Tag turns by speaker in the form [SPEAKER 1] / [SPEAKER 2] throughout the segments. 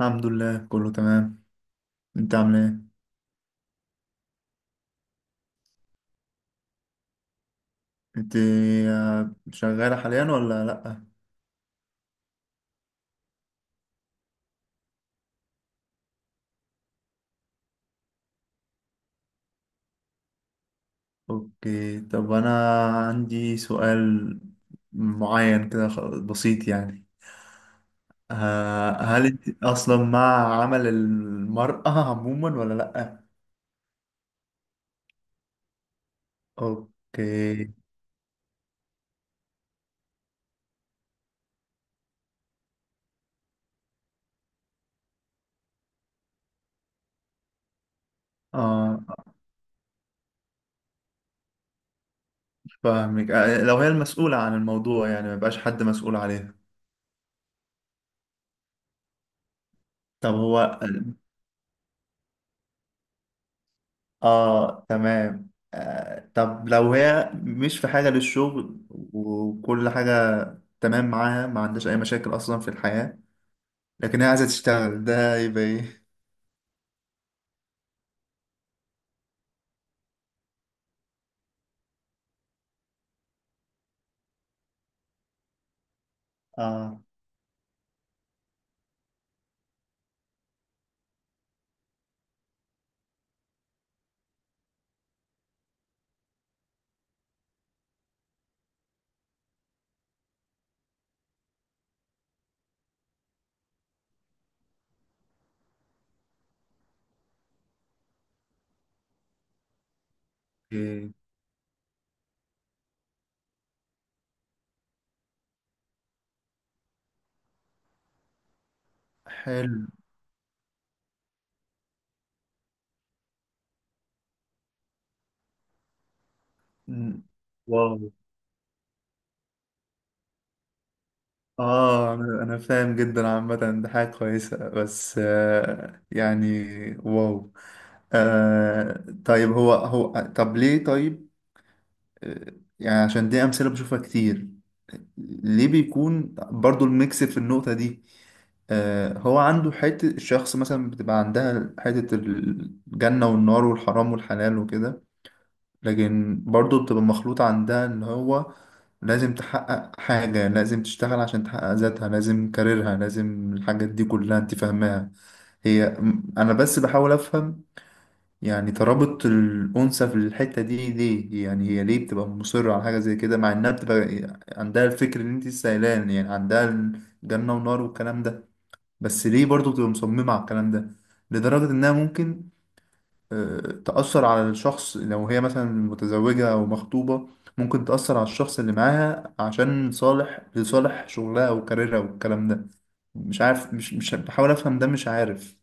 [SPEAKER 1] الحمد لله، كله تمام. انت عامل ايه؟ انت. شغالة حاليا ولا لأ؟ اوكي، طب انا عندي سؤال معين كده، بسيط يعني. هل انت اصلا مع عمل المرأة عموما ولا لأ؟ اوكي. اه، فاهمك. لو هي المسؤولة عن الموضوع، يعني ما يبقاش حد مسؤول عليها. طب هو. اه تمام. طب لو هي مش في حاجة للشغل وكل حاجة تمام معاها، ما عندهاش أي مشاكل أصلا في الحياة، لكن هي عايزة تشتغل، ده يبقى إيه؟ اه. إيه. حلو. مم. واو. أنا فاهم جدا عامة. ده حاجة كويسة، بس يعني. واو. طيب، هو هو، طب ليه طيب. آه، يعني عشان دي أمثلة بشوفها كتير. ليه بيكون برضو الميكس في النقطة دي؟ هو عنده حتة، الشخص مثلا بتبقى عندها حتة الجنة والنار والحرام والحلال وكده، لكن برضو بتبقى مخلوطة عندها إن هو لازم تحقق حاجة، لازم تشتغل عشان تحقق ذاتها، لازم كاريرها، لازم الحاجات دي كلها، أنت فاهماها. هي، أنا بس بحاول أفهم، يعني ترابط الأنثى في الحتة دي ليه؟ يعني هي ليه بتبقى مصرة على حاجة زي كده، مع إنها بتبقى عندها الفكر اللي أنت سائلان، يعني عندها جنة ونار والكلام ده، بس ليه برضه بتبقى مصممة على الكلام ده؟ لدرجة إنها ممكن، آه، تأثر على الشخص لو هي مثلا متزوجة أو مخطوبة، ممكن تأثر على الشخص اللي معاها عشان صالح، لصالح شغلها أو كاريرها والكلام ده. مش عارف، مش بحاول أفهم ده، مش عارف.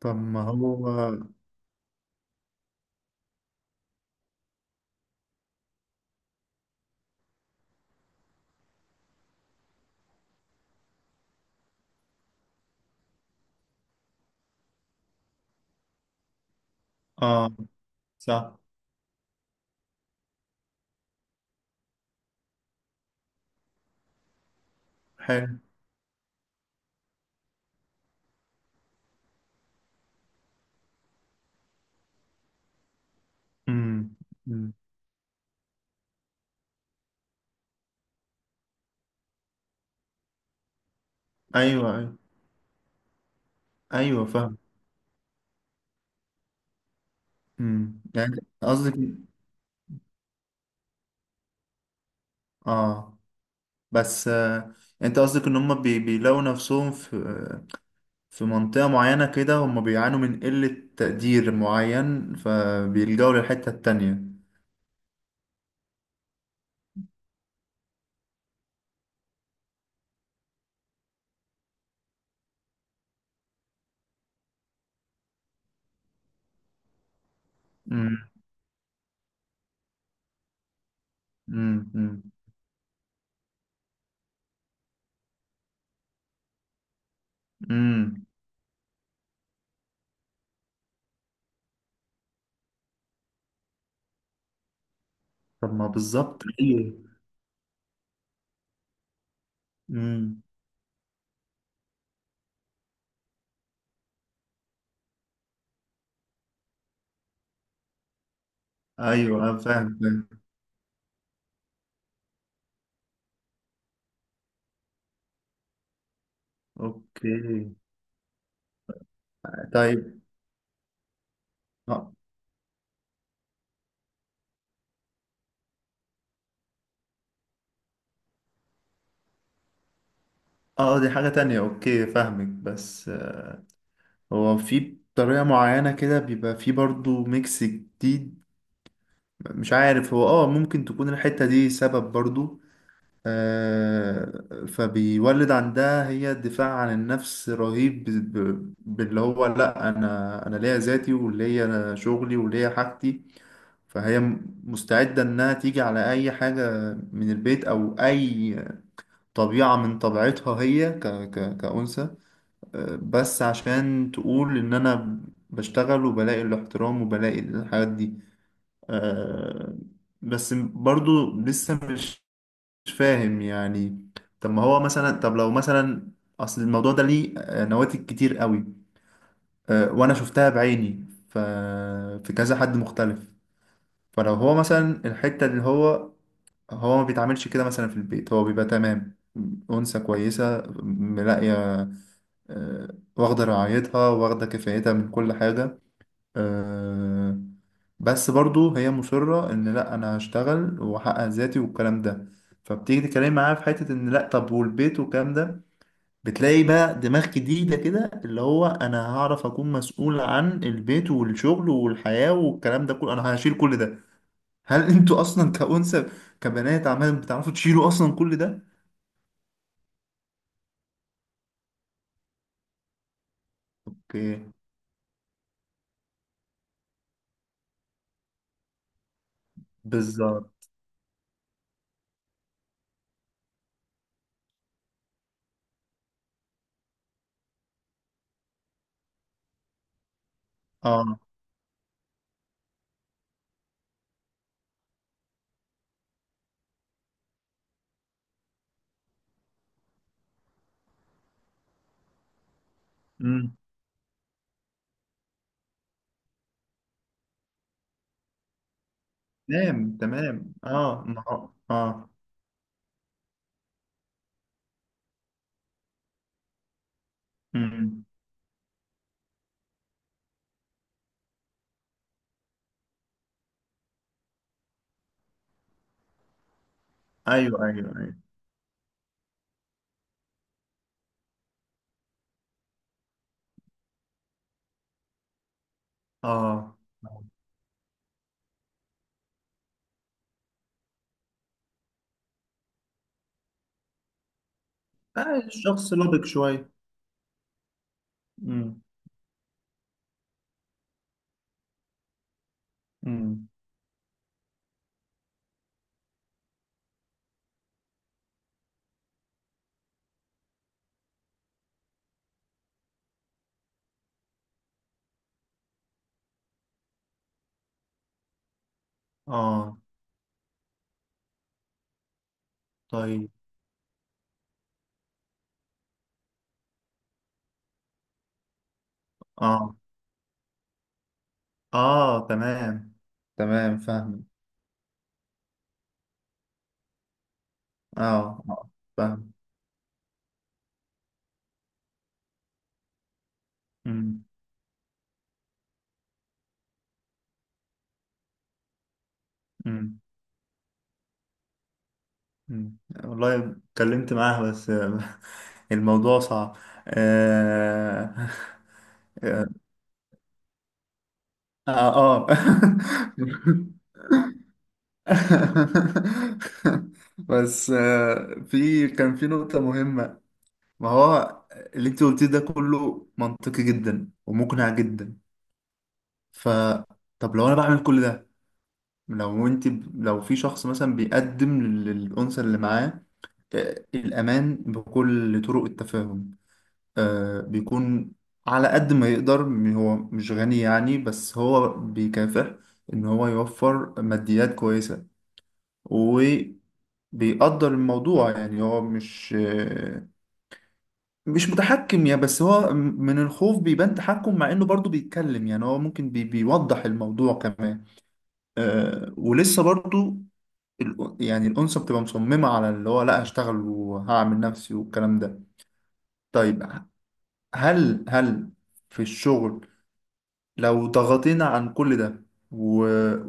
[SPEAKER 1] طب ما هو. آه صح. حلو. امم. أمم. ايوه، ايوه، ايوه. فاهم. امم، يعني. قصدك. اه، بس انت قصدك ان هم بيلاقوا نفسهم في في منطقة معينة كده، هم بيعانوا من قلة تقدير معين، فبيلجأوا للحتة التانية. امم. امم. امم. أمم. طب ما بالظبط، ايوه. امم. ايوه، أنا فاهم فاهم. اوكي. طيب. اه. دي حاجة تانية. اوكي، فاهمك. بس هو في طريقة معينة كده بيبقى في برضو ميكس جديد، مش عارف. هو ممكن تكون الحتة دي سبب برضو. آه فبيولد عندها هي دفاع عن النفس رهيب، باللي هو لأ، أنا ليا ذاتي وليا شغلي وليا حاجتي. فهي مستعدة إنها تيجي على أي حاجة من البيت أو أي طبيعة من طبيعتها هي، ك ك كأنثى، بس عشان تقول ان انا بشتغل وبلاقي الاحترام وبلاقي الحاجات دي. آه، بس برضو لسه مش فاهم يعني. طب ما هو مثلا، طب لو مثلا اصل الموضوع ده ليه نواتج كتير قوي. وانا شفتها بعيني. في كذا حد مختلف. فلو هو مثلا الحتة اللي هو، هو ما بيتعاملش كده مثلا في البيت، هو بيبقى تمام. أنثى كويسة ملاقية، آه، واخدة رعايتها، واخدة كفايتها من كل حاجة. آه، بس برضو هي مصرة إن لأ، أنا هشتغل وأحقق ذاتي والكلام ده. فبتيجي تتكلم معاها في حتة إن لأ، طب والبيت والكلام ده، بتلاقي بقى دماغ جديدة كده، اللي هو أنا هعرف أكون مسؤول عن البيت والشغل والحياة والكلام ده كله، أنا هشيل كل ده. هل أنتوا أصلا كأنثى، كبنات، عمال بتعرفوا تشيلوا أصلا كل ده؟ اوكي. بالظبط. اه. امم. تمام، تمام. اه، ما هو- اه. امم. إمم. ايوه، ايوه، ايوه. اه. الشخص لبق شويه. امم. امم. اه. طيب. اه، اه، تمام، تمام، فاهم. اه، اه، فاهم. امم. امم. أمم. والله. اتكلمت معاها بس الموضوع صعب. اه. اه, آه. بس في كان في نقطة مهمة. ما هو اللي انت قلتيه ده كله منطقي جدا ومقنع جدا. ف طب لو انا بعمل كل ده، لو انت، لو في شخص مثلا بيقدم للأنثى اللي معاه الأمان بكل طرق التفاهم. بيكون على قد ما يقدر، هو مش غني يعني، بس هو بيكافح إن هو يوفر ماديات كويسة. بيقدر الموضوع يعني، هو مش، متحكم يعني، بس هو من الخوف بيبان تحكم، مع انه برضو بيتكلم يعني هو ممكن بيوضح الموضوع كمان. ولسه برضو يعني الأنثى بتبقى مصممة على اللي هو لا، هشتغل وهعمل نفسي والكلام ده. طيب، هل في الشغل لو ضغطينا عن كل ده و...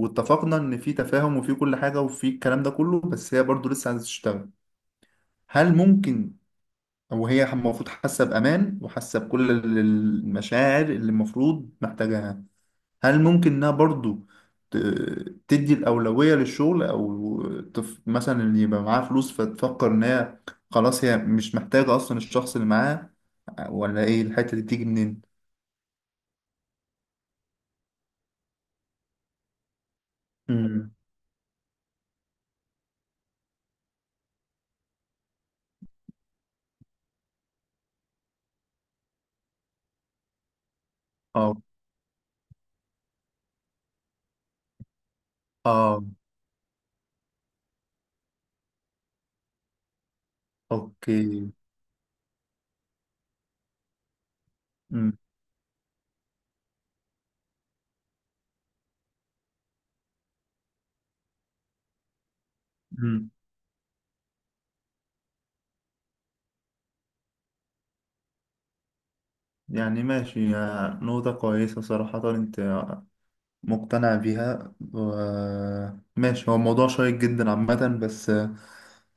[SPEAKER 1] واتفقنا ان في تفاهم وفي كل حاجة وفي الكلام ده كله، بس هي برضو لسه عايزة تشتغل، هل ممكن، وهي المفروض حاسة بأمان وحاسة بكل المشاعر اللي المفروض محتاجاها، هل ممكن إنها برضو ت- تدي الأولوية للشغل أو مثلا اللي يبقى معاها فلوس فتفكر إن هي خلاص هي مش محتاجة أصلا الشخص اللي معاها؟ ولا إيه الحتة دي بتيجي منين؟ امم. اه، اه، اوكي. امم. امم، يعني ماشي، يا نقطة كويسة صراحة، انت مقتنع بيها ماشي. هو موضوع شيق جدا عامة، بس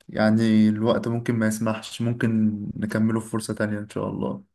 [SPEAKER 1] يعني الوقت ممكن ما يسمحش، ممكن نكمله في فرصة تانية إن شاء الله.